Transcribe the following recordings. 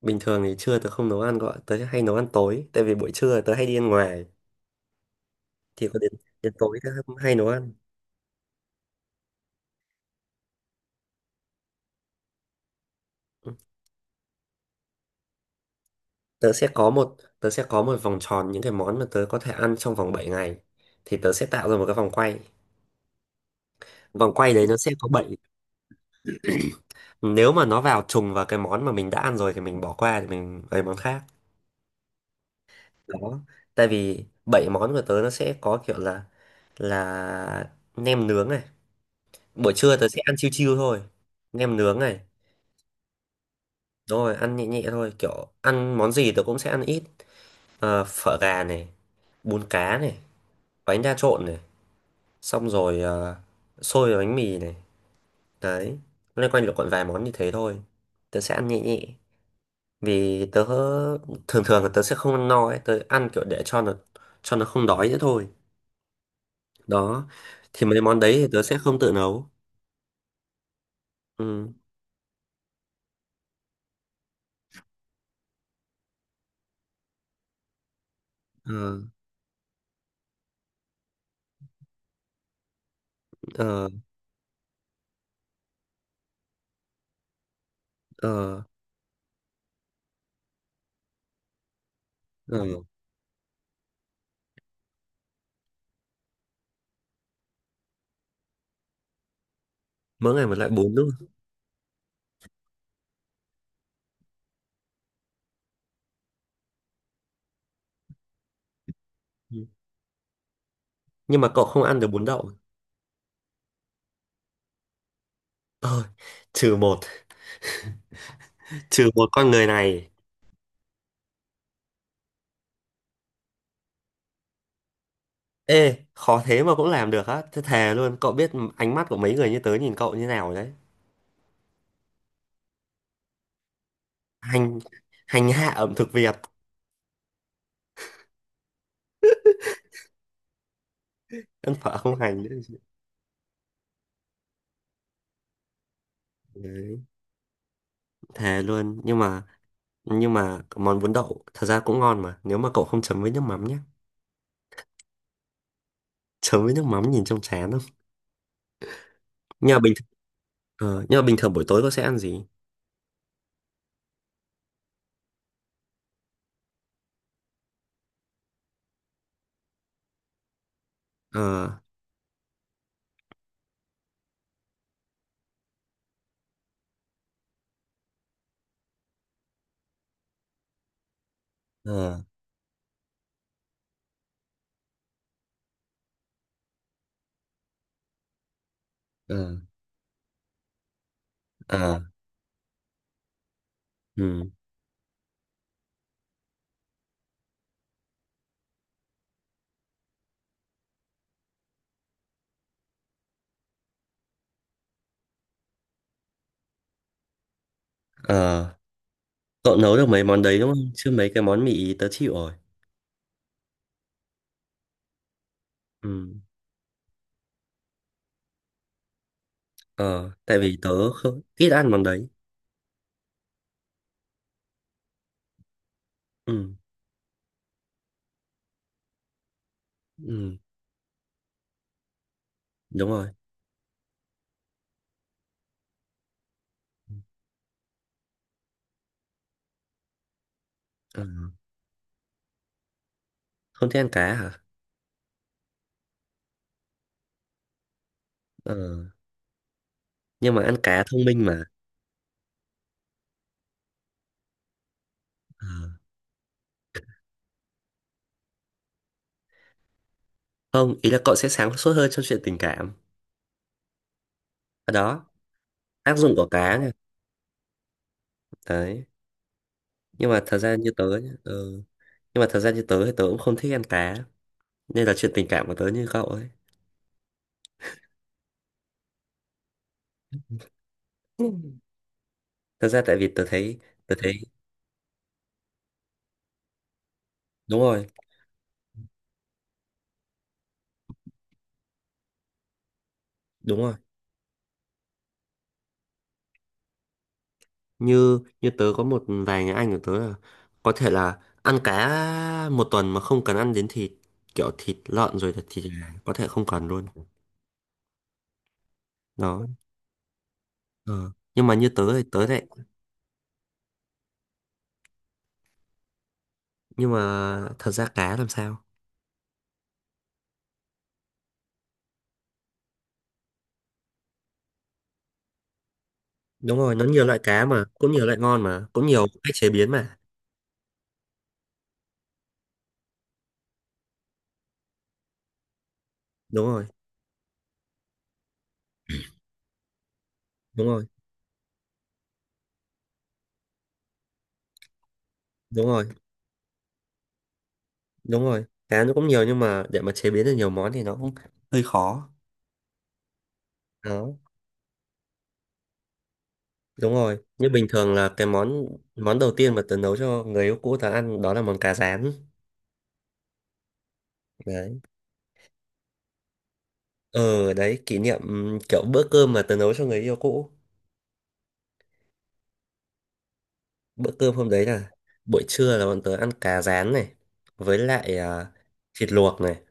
Bình thường thì trưa tớ không nấu ăn gọi, tớ hay nấu ăn tối tại vì buổi trưa tớ hay đi ăn ngoài. Thì có đến đến tối tớ hay nấu ăn. Ừ. Tớ sẽ có một vòng tròn những cái món mà tớ có thể ăn trong vòng 7 ngày, thì tớ sẽ tạo ra một cái vòng quay. Vòng quay đấy nó sẽ có bảy. Nếu mà nó vào trùng vào cái món mà mình đã ăn rồi thì mình bỏ qua, thì mình lấy món khác. Đó. Tại vì 7 món của tớ nó sẽ có kiểu là nem nướng này. Buổi trưa tớ sẽ ăn chiêu chiêu thôi. Nem nướng này. Rồi ăn nhẹ nhẹ thôi, kiểu ăn món gì tớ cũng sẽ ăn ít. Ờ, phở gà này, bún cá này, bánh đa trộn này, xong rồi xôi và bánh mì này. Đấy, loanh quanh được còn vài món như thế thôi. Tớ sẽ ăn nhẹ nhẹ, vì tớ thường thường là tớ sẽ không ăn no ấy, tớ ăn kiểu để cho nó không đói nữa thôi. Đó, thì mấy món đấy thì tớ sẽ không tự nấu. Ừ. Ờ, ờ, ờ, ờ. Mỗi ngày một loại bún đúng không. Ừ. Nhưng mà cậu không ăn được bún đậu. Ờ, trừ một trừ một con người này. Ê, khó thế mà cũng làm được á, thế thề luôn cậu biết ánh mắt của mấy người như tớ nhìn cậu như nào đấy. Hành hành hạ ẩm thực Việt. Ăn phở không hành nữa. Đấy, thề luôn. Nhưng mà món bún đậu thật ra cũng ngon mà, nếu mà cậu không chấm với nước mắm nhé. Chấm với nước mắm nhìn trông chán không? Nhưng mà bình thường, ờ, nhưng mà bình thường buổi tối cậu sẽ ăn gì? Ờ, ờ, ờ, ờ, ừ, ờ. Cậu nấu được mấy món đấy đúng không, chứ mấy cái món mì ý tớ chịu rồi. Ừ. Ờ, tại vì tớ không, ít ăn món đấy. Ừ, ừ, đúng rồi. Ờ, không thích ăn cá hả? Ờ, nhưng mà ăn cá thông minh mà. Ờ, không, ý là cậu sẽ sáng suốt hơn trong chuyện tình cảm. Ở đó, tác dụng của cá này. Đấy. Nhưng mà thật ra như tớ nhá, ừ. Nhưng mà thật ra như tớ thì tớ cũng không thích ăn cá. Nên là chuyện tình cảm của tớ như cậu ấy. Ừ. Thật ra tại vì tớ thấy, đúng rồi, đúng rồi. Như như tớ có một vài người anh của tớ là có thể là ăn cá một tuần mà không cần ăn đến thịt, kiểu thịt lợn rồi là thịt gà có thể không cần luôn. Đó. Ờ. Nhưng mà như tớ thì tớ đấy. Nhưng mà thật ra cá làm sao? Đúng rồi, nó nhiều loại cá mà cũng nhiều loại ngon mà cũng nhiều cách chế biến mà. Đúng rồi, đúng rồi, đúng rồi, đúng rồi, cá nó cũng nhiều nhưng mà để mà chế biến được nhiều món thì nó cũng hơi khó. Đó. Đúng rồi, như bình thường là cái món món đầu tiên mà tớ nấu cho người yêu cũ tớ ăn đó là món cá rán. Đấy. Ờ đấy kỷ niệm. Kiểu bữa cơm mà tớ nấu cho người yêu cũ. Bữa cơm hôm đấy là buổi trưa là bọn tớ ăn cá rán này, với lại à, thịt luộc này,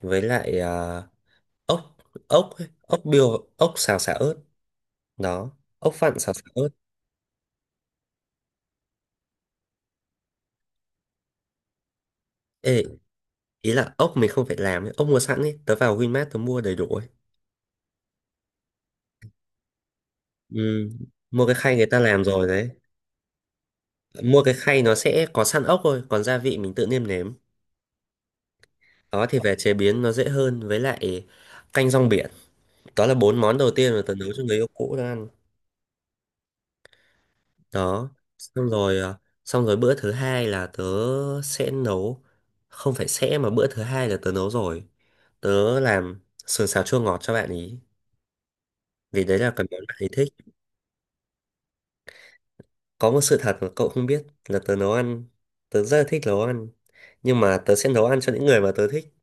với lại à, ốc ốc ấy, ốc biêu ốc xào xả ớt. Đó, ốc vặn xào xả ớt. Ê, ý là ốc mình không phải làm ấy, ốc mua sẵn ấy, tớ vào Winmart tớ mua đầy đủ ấy. Ừ, mua cái khay người ta làm rồi đấy. Mua cái khay nó sẽ có sẵn ốc thôi, còn gia vị mình tự nêm nếm. Đó, thì về chế biến nó dễ hơn, với lại canh rong biển. Đó là bốn món đầu tiên mà tớ nấu cho người yêu cũ tớ ăn. Đó. Xong rồi à, xong rồi bữa thứ hai là tớ sẽ nấu, không phải sẽ mà bữa thứ hai là tớ nấu rồi. Tớ làm sườn xào chua ngọt cho bạn ý, vì đấy là cái món bạn ấy thích. Có một sự thật mà cậu không biết là tớ nấu ăn, tớ rất là thích nấu ăn, nhưng mà tớ sẽ nấu ăn cho những người mà tớ thích.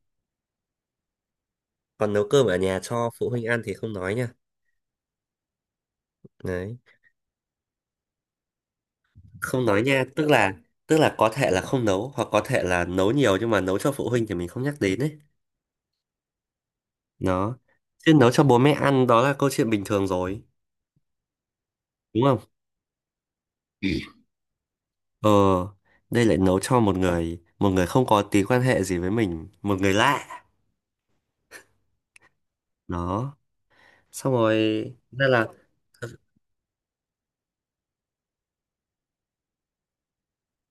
Còn nấu cơm ở nhà cho phụ huynh ăn thì không nói nha. Đấy. Không nói nha tức là có thể là không nấu, hoặc có thể là nấu nhiều nhưng mà nấu cho phụ huynh thì mình không nhắc đến ấy. Đó. Chứ nấu cho bố mẹ ăn đó là câu chuyện bình thường rồi, đúng không? Ờ, đây lại nấu cho một người không có tí quan hệ gì với mình, một người lạ. Đó. Xong rồi, nên là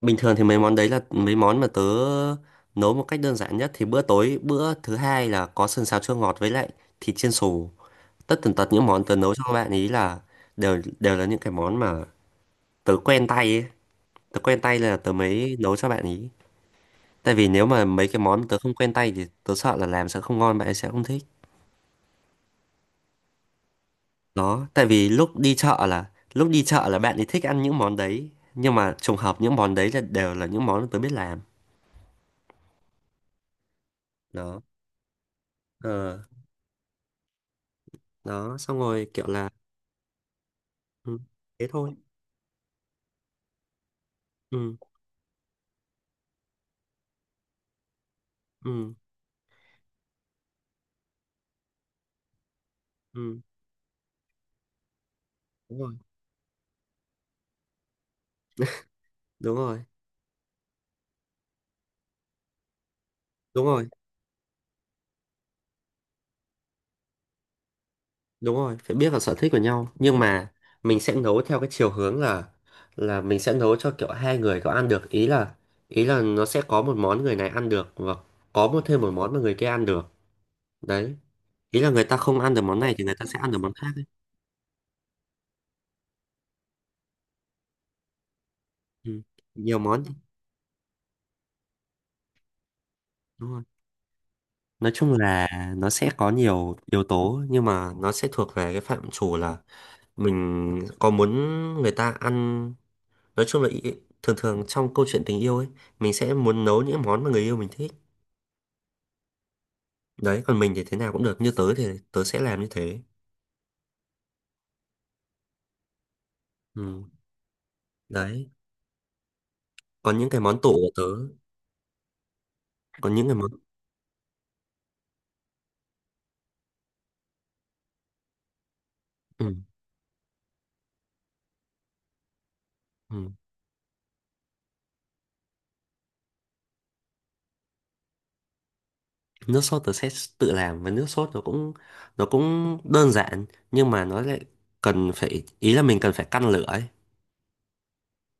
bình thường thì mấy món đấy là mấy món mà tớ nấu một cách đơn giản nhất. Thì bữa tối, bữa thứ hai là có sườn xào chua ngọt với lại thịt chiên xù. Tất tần tật những món tớ nấu cho các bạn ý là đều đều là những cái món mà tớ quen tay ấy. Tớ quen tay là tớ mới nấu cho bạn ý. Tại vì nếu mà mấy cái món tớ không quen tay thì tớ sợ là làm sẽ không ngon, bạn ấy sẽ không thích. Đó, tại vì lúc đi chợ là lúc đi chợ là bạn ấy thích ăn những món đấy, nhưng mà trùng hợp những món đấy là đều là những món tớ biết làm. Đó. Ờ, đó, xong rồi kiểu là ừ, thế thôi. Ừ, ừ, ừ, đúng rồi. Đúng rồi. Đúng rồi. Đúng rồi, phải biết vào sở thích của nhau. Nhưng mà mình sẽ nấu theo cái chiều hướng là mình sẽ nấu cho kiểu hai người có ăn được. Ý là nó sẽ có một món người này ăn được, và có một thêm một món mà người kia ăn được. Đấy. Ý là người ta không ăn được món này thì người ta sẽ ăn được món khác ấy. Ừ. Nhiều món. Đúng rồi. Nói chung là nó sẽ có nhiều yếu tố, nhưng mà nó sẽ thuộc về cái phạm trù là mình có muốn người ta ăn, nói chung là thường thường trong câu chuyện tình yêu ấy mình sẽ muốn nấu những món mà người yêu mình thích. Đấy, còn mình thì thế nào cũng được, như tớ thì tớ sẽ làm như thế. Ừ. Đấy, còn những cái món tủ của tớ, còn những cái món. Ừ. Ừ. Nước sốt tớ sẽ tự làm, và nước sốt nó cũng đơn giản nhưng mà nó lại cần phải, ý là mình cần phải căn lửa ấy,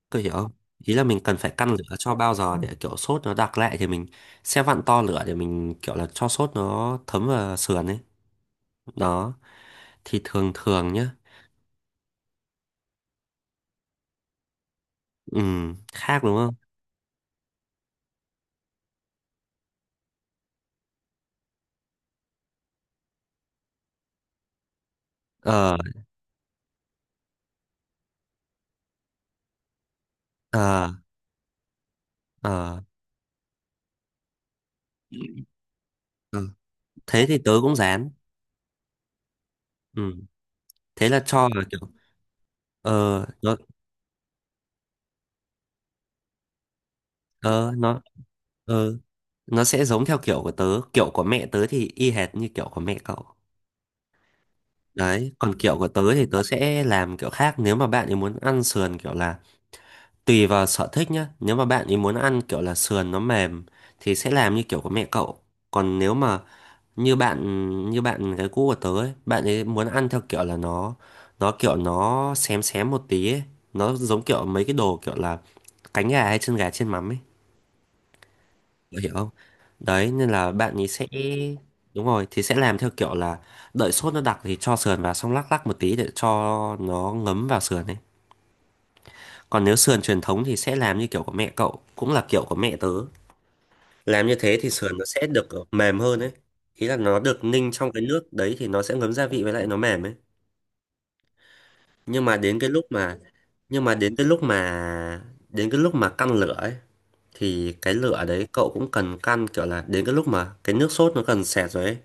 có hiểu không. Ý là mình cần phải căn lửa cho bao giờ để kiểu sốt nó đặc lại thì mình sẽ vặn to lửa để mình kiểu là cho sốt nó thấm vào sườn ấy. Đó, thì thường thường nhá. Ừ. Khác đúng không? Ờ, ờ, ờ, ờ. Thế thì tớ cũng dán. Ừ. Thế là cho là kiểu ờ nó ờ nó ờ nó sẽ giống theo kiểu của tớ, kiểu của mẹ tớ thì y hệt như kiểu của mẹ cậu. Đấy, còn kiểu của tớ thì tớ sẽ làm kiểu khác, nếu mà bạn ấy muốn ăn sườn kiểu là tùy vào sở thích nhá. Nếu mà bạn ấy muốn ăn kiểu là sườn nó mềm thì sẽ làm như kiểu của mẹ cậu. Còn nếu mà như bạn như bạn cái cũ của tớ ấy, bạn ấy muốn ăn theo kiểu là nó kiểu nó xém xém một tí ấy. Nó giống kiểu mấy cái đồ kiểu là cánh gà hay chân gà chiên mắm ấy. Bạn hiểu không? Đấy, nên là bạn ấy sẽ đúng rồi, thì sẽ làm theo kiểu là đợi sốt nó đặc thì cho sườn vào, xong lắc lắc một tí để cho nó ngấm vào sườn ấy. Còn nếu sườn truyền thống thì sẽ làm như kiểu của mẹ cậu cũng là kiểu của mẹ tớ. Làm như thế thì sườn nó sẽ được mềm hơn ấy, ý là nó được ninh trong cái nước đấy thì nó sẽ ngấm gia vị với lại nó mềm ấy. Nhưng mà đến cái lúc mà nhưng mà đến cái lúc mà đến cái lúc mà căn lửa ấy, thì cái lửa đấy cậu cũng cần căn kiểu là đến cái lúc mà cái nước sốt nó cần sệt rồi ấy.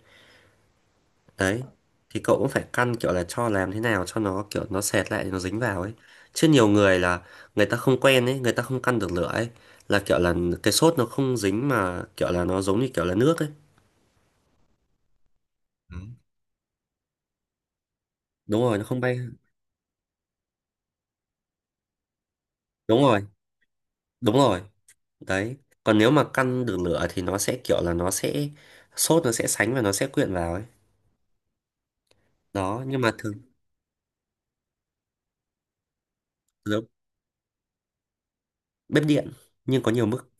Đấy, thì cậu cũng phải căn kiểu là cho làm thế nào cho nó kiểu nó sệt lại nó dính vào ấy. Chứ nhiều người là người ta không quen ấy, người ta không căn được lửa ấy, là kiểu là cái sốt nó không dính mà kiểu là nó giống như kiểu là nước ấy. Ừ. Đúng rồi nó không bay. Đúng rồi, đúng rồi. Đấy, còn nếu mà căn được lửa thì nó sẽ kiểu là nó sẽ sốt nó sẽ sánh và nó sẽ quyện vào ấy. Đó, nhưng mà thường nấu bếp điện nhưng có nhiều mức.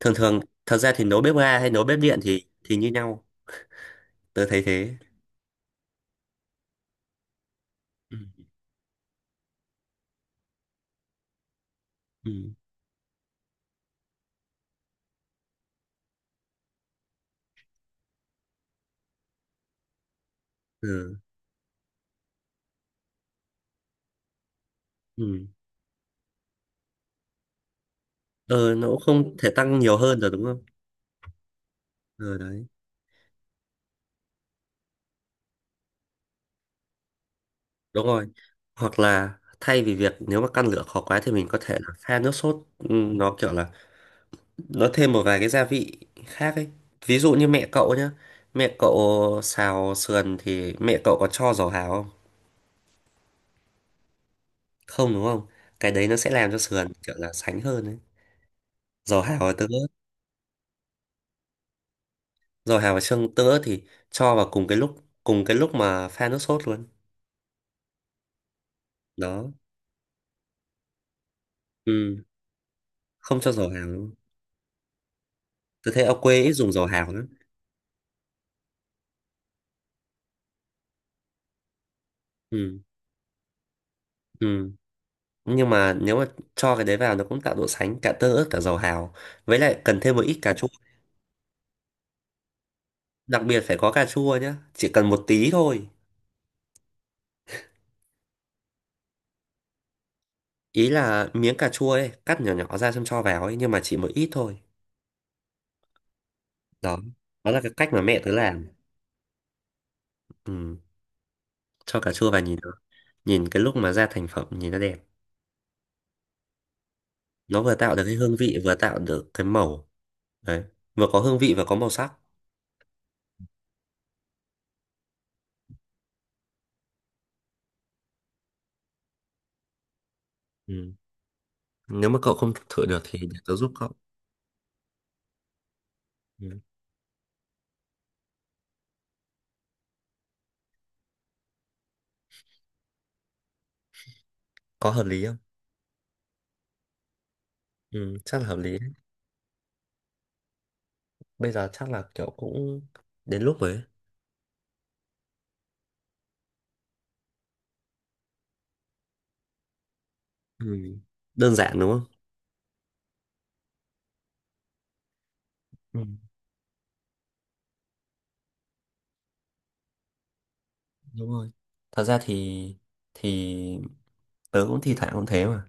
Thường thường, thật ra thì nấu bếp ga hay nấu bếp điện thì như nhau. Tớ thấy thế. Ừ, ừ, ừ, ừ, ờ, nó cũng không thể tăng nhiều hơn rồi đúng không. Ờ đấy, đúng rồi. Hoặc là thay vì việc nếu mà căn lửa khó quá thì mình có thể là pha nước sốt, ừ, nó kiểu là nó thêm một vài cái gia vị khác ấy. Ví dụ như mẹ cậu nhá, mẹ cậu xào sườn thì mẹ cậu có cho dầu hào không? Không đúng không? Cái đấy nó sẽ làm cho sườn kiểu là sánh hơn ấy, dầu hào và tương ớt. Dầu hào và xương tương ớt thì cho vào cùng cái lúc, cùng cái lúc mà pha nước sốt luôn. Đó. Ừ. Không cho dầu hào luôn. Tôi thấy ở quê ít dùng dầu hào lắm. Ừ, ừ. Nhưng mà nếu mà cho cái đấy vào nó cũng tạo độ sánh, cả tương ớt cả dầu hào, với lại cần thêm một ít cà chua. Đặc biệt phải có cà chua nhá, chỉ cần một tí thôi. Ý là miếng cà chua ấy, cắt nhỏ nhỏ ra xong cho vào ấy, nhưng mà chỉ một ít thôi. Đó, đó là cái cách mà mẹ tớ làm. Ừ, cho cà chua vào nhìn nó. Nhìn cái lúc mà ra thành phẩm nhìn nó đẹp. Nó vừa tạo được cái hương vị, vừa tạo được cái màu. Đấy, vừa có hương vị và có màu sắc. Ừ. Nếu mà cậu không thử được thì để tớ giúp cậu. Ừ. Có hợp lý không? Ừ, chắc là hợp lý, đấy. Bây giờ chắc là kiểu cũng đến lúc rồi ấy. Ừ. Đơn giản đúng không? Đúng rồi, thật ra thì thì tớ cũng thi thoảng cũng thế mà.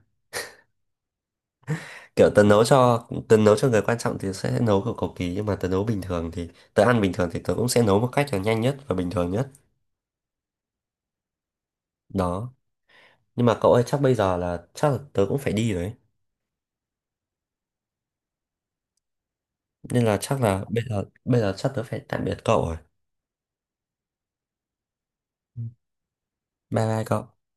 Kiểu tớ nấu cho người quan trọng thì sẽ nấu kiểu cầu kỳ, nhưng mà tớ nấu bình thường thì tớ ăn bình thường thì tớ cũng sẽ nấu một cách là nhanh nhất và bình thường nhất. Đó. Nhưng mà cậu ơi chắc bây giờ là chắc là tớ cũng phải đi rồi ấy. Nên là chắc là bây giờ chắc tớ phải tạm biệt cậu rồi. Bye bye cậu.